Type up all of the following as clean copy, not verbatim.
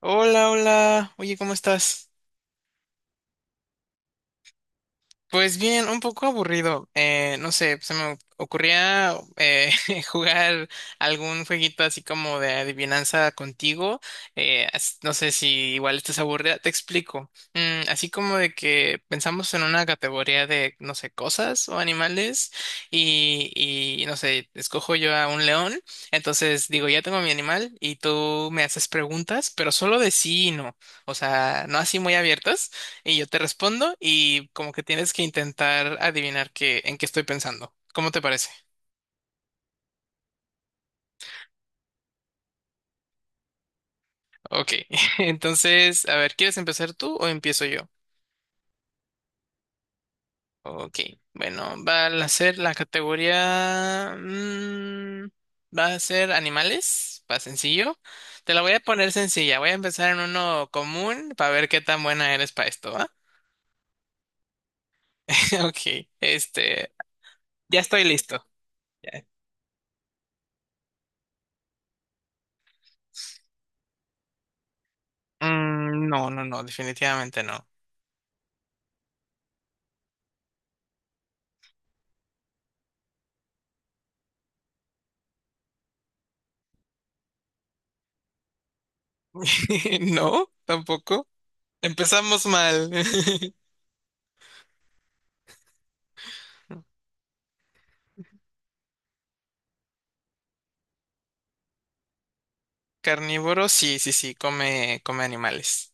Hola, hola. Oye, ¿cómo estás? Pues bien, un poco aburrido. No sé, se me ocurría jugar algún jueguito así como de adivinanza contigo. No sé si igual estás aburrida. Te explico. Así como de que pensamos en una categoría de, no sé, cosas o animales y no sé, escojo yo a un león. Entonces digo, ya tengo mi animal y tú me haces preguntas, pero solo de sí y no. O sea, no así muy abiertas. Y yo te respondo y como que tienes que intentar adivinar qué, en qué estoy pensando. ¿Cómo te parece? Ok, entonces, a ver, ¿quieres empezar tú o empiezo yo? Ok, bueno, va a ser la categoría... va a ser animales, va sencillo. Te la voy a poner sencilla, voy a empezar en uno común para ver qué tan buena eres para esto, ¿va? Ok, este, ya estoy listo. Ya. No, no, no, definitivamente no. No, tampoco. Empezamos mal. Carnívoro, sí, sí, sí, come, come animales.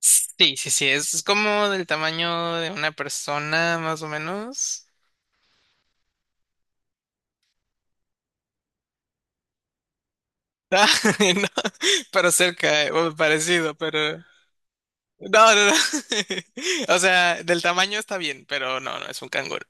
Sí, sí, sí, es como del tamaño de una persona, más o menos. Ah, no, pero cerca, o parecido, pero... No, no, no. O sea, del tamaño está bien, pero no, no, es un canguro.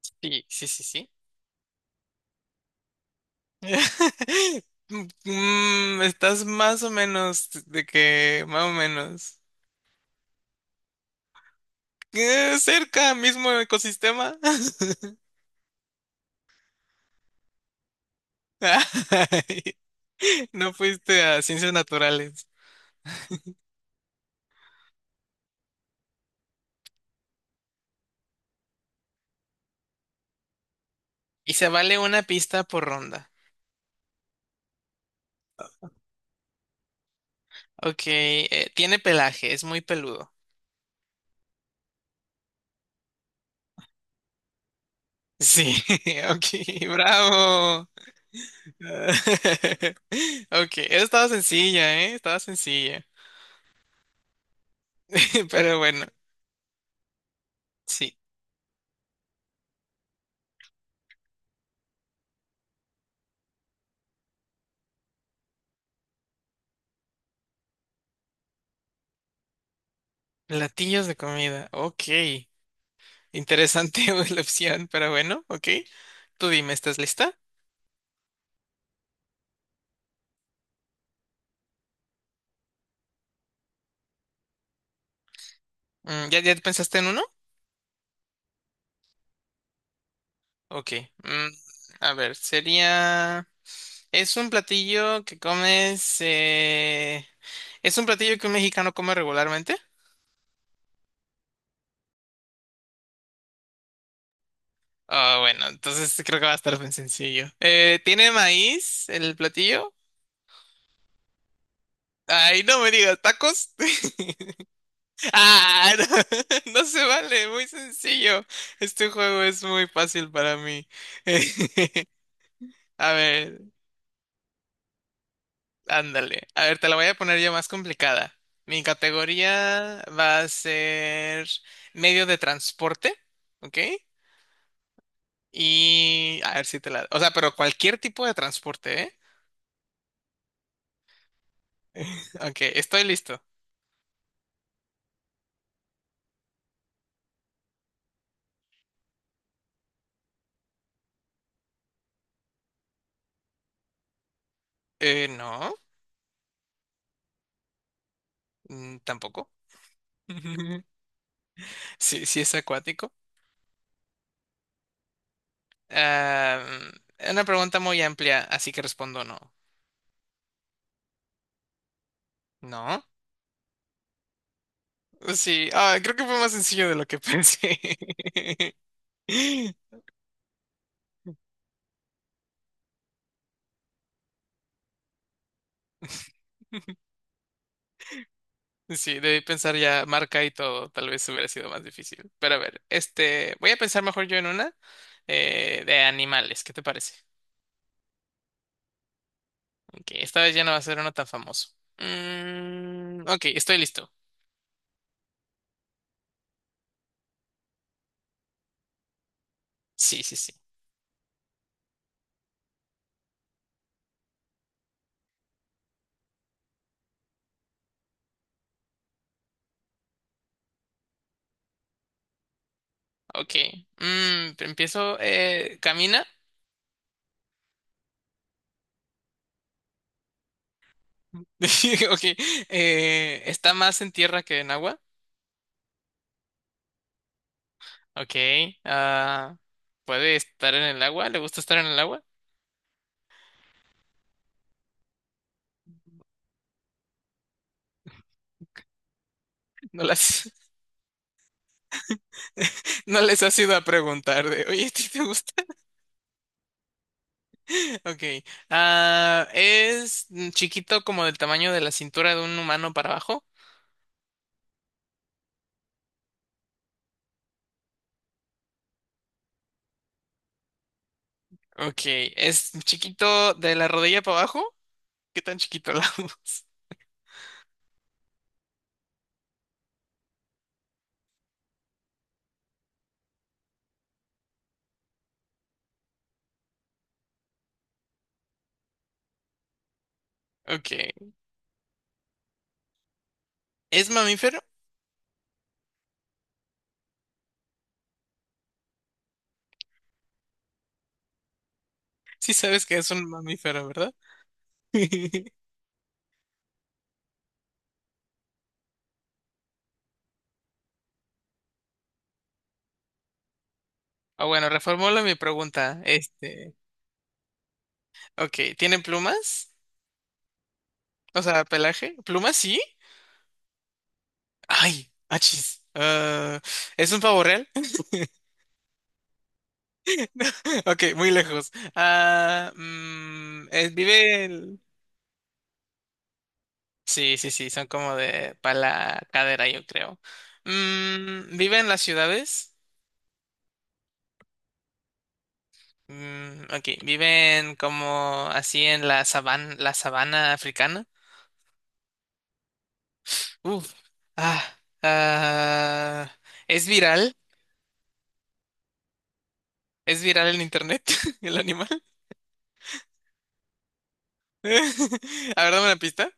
Sí, sí, sí, sí. Estás más o menos de que, más o menos. Cerca, mismo ecosistema. Ay, no fuiste a ciencias naturales. Y se vale una pista por ronda. Ok, tiene pelaje, es muy peludo. Sí, ok, bravo. Ok, eso estaba sencilla, ¿eh? Estaba sencilla. Pero bueno, sí. Platillos de comida, ok. Interesante la opción, pero bueno, ok. Tú dime, ¿estás lista? ¿Ya, ya pensaste en uno? Ok. mm, a ver, sería... Es un platillo que comes. Es un platillo que un mexicano come regularmente. Ah, bueno, entonces creo que va a estar bien sencillo. ¿Tiene maíz el platillo? Ay, no me digas, ¿tacos? Ah, no, no se vale, muy sencillo. Este juego es muy fácil para mí. A ver, ándale. A ver, te la voy a poner ya más complicada. Mi categoría va a ser medio de transporte, ¿ok? Y a ver si te la... O sea, pero cualquier tipo de transporte, ¿eh? Ok, estoy listo. No, tampoco. Sí, sí es acuático. Ah, es una pregunta muy amplia, así que respondo no. No. Sí, ah, creo que fue más sencillo de lo que pensé. Sí, debí pensar ya marca y todo, tal vez hubiera sido más difícil. Pero a ver, este, voy a pensar mejor yo en una de animales, ¿qué te parece? Ok, esta vez ya no va a ser uno tan famoso. Ok, estoy listo. Sí, sí, sí. Ok. Empiezo. ¿Camina? Ok. ¿Está más en tierra que en agua? Ok. ah, ¿Puede estar en el agua? ¿Le gusta estar en el agua? No las, no les has ido a preguntar de, oye, ¿a ti te gusta? Ok. ¿Es chiquito como del tamaño de la cintura de un humano para abajo? Ok. ¿Es chiquito de la rodilla para abajo? ¿Qué tan chiquito la voz? Ok. ¿Es mamífero? Sí sabes que es un mamífero, ¿verdad? Ah, bueno, reformulo mi pregunta. Este, ok, ¿tienen plumas? O sea, pelaje. ¿Plumas sí? Ay, achis. Ah, ¿es un pavo real? Ok, muy lejos. Ah, vive el... Sí, sí, sí, son como de para la cadera, yo creo. ¿Vive en las ciudades? Ok, viven como así en la sabana africana. Uf. Ah, ah, es viral, es viral en internet el animal. A ver, dame una pista.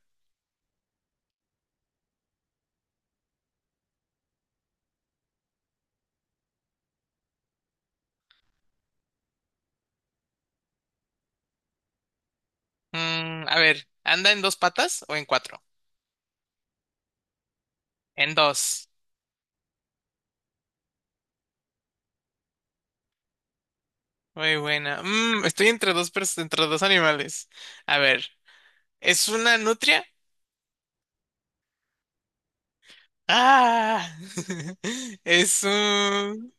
A ver, ¿anda en dos patas o en cuatro? En dos. Muy buena. Estoy entre entre dos animales. A ver, ¿es una nutria? Ah, es un...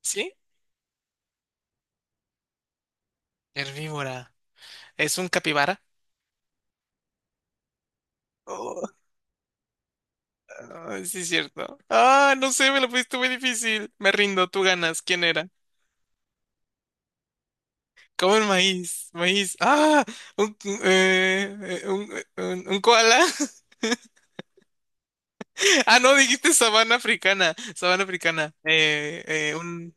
¿Sí? Herbívora. ¿Es un capibara? Oh. Ay, sí, es cierto. Ah, no sé, me lo pusiste muy difícil. Me rindo, tú ganas. ¿Quién era? Comen maíz, maíz. Ah, un, un koala. Ah, no, dijiste sabana africana, sabana africana. Un...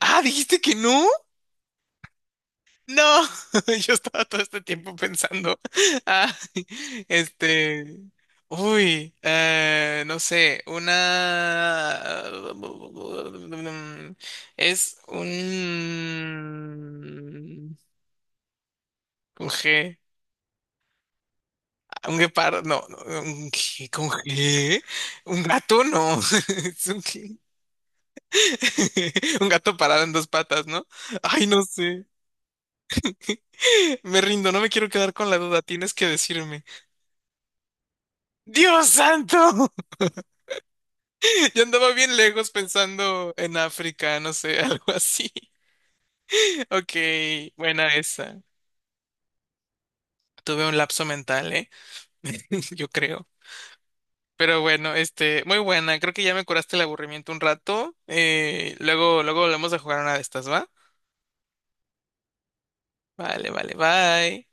Ah, dijiste que no. No, yo estaba todo este tiempo pensando, ah, este, no sé, una, mm, es un, con G. Ah, un guepardo, no, no, un G, con G, un gato, no, es un G. Un gato parado en dos patas, ¿no? Ay, no sé, me rindo, no me quiero quedar con la duda, tienes que decirme. Dios santo. Yo andaba bien lejos pensando en África, no sé, algo así. Ok, buena esa. Tuve un lapso mental, ¿eh? Yo creo. Pero bueno, este, muy buena. Creo que ya me curaste el aburrimiento un rato. Luego, luego volvemos a jugar una de estas, ¿va? Vale, vale, bye.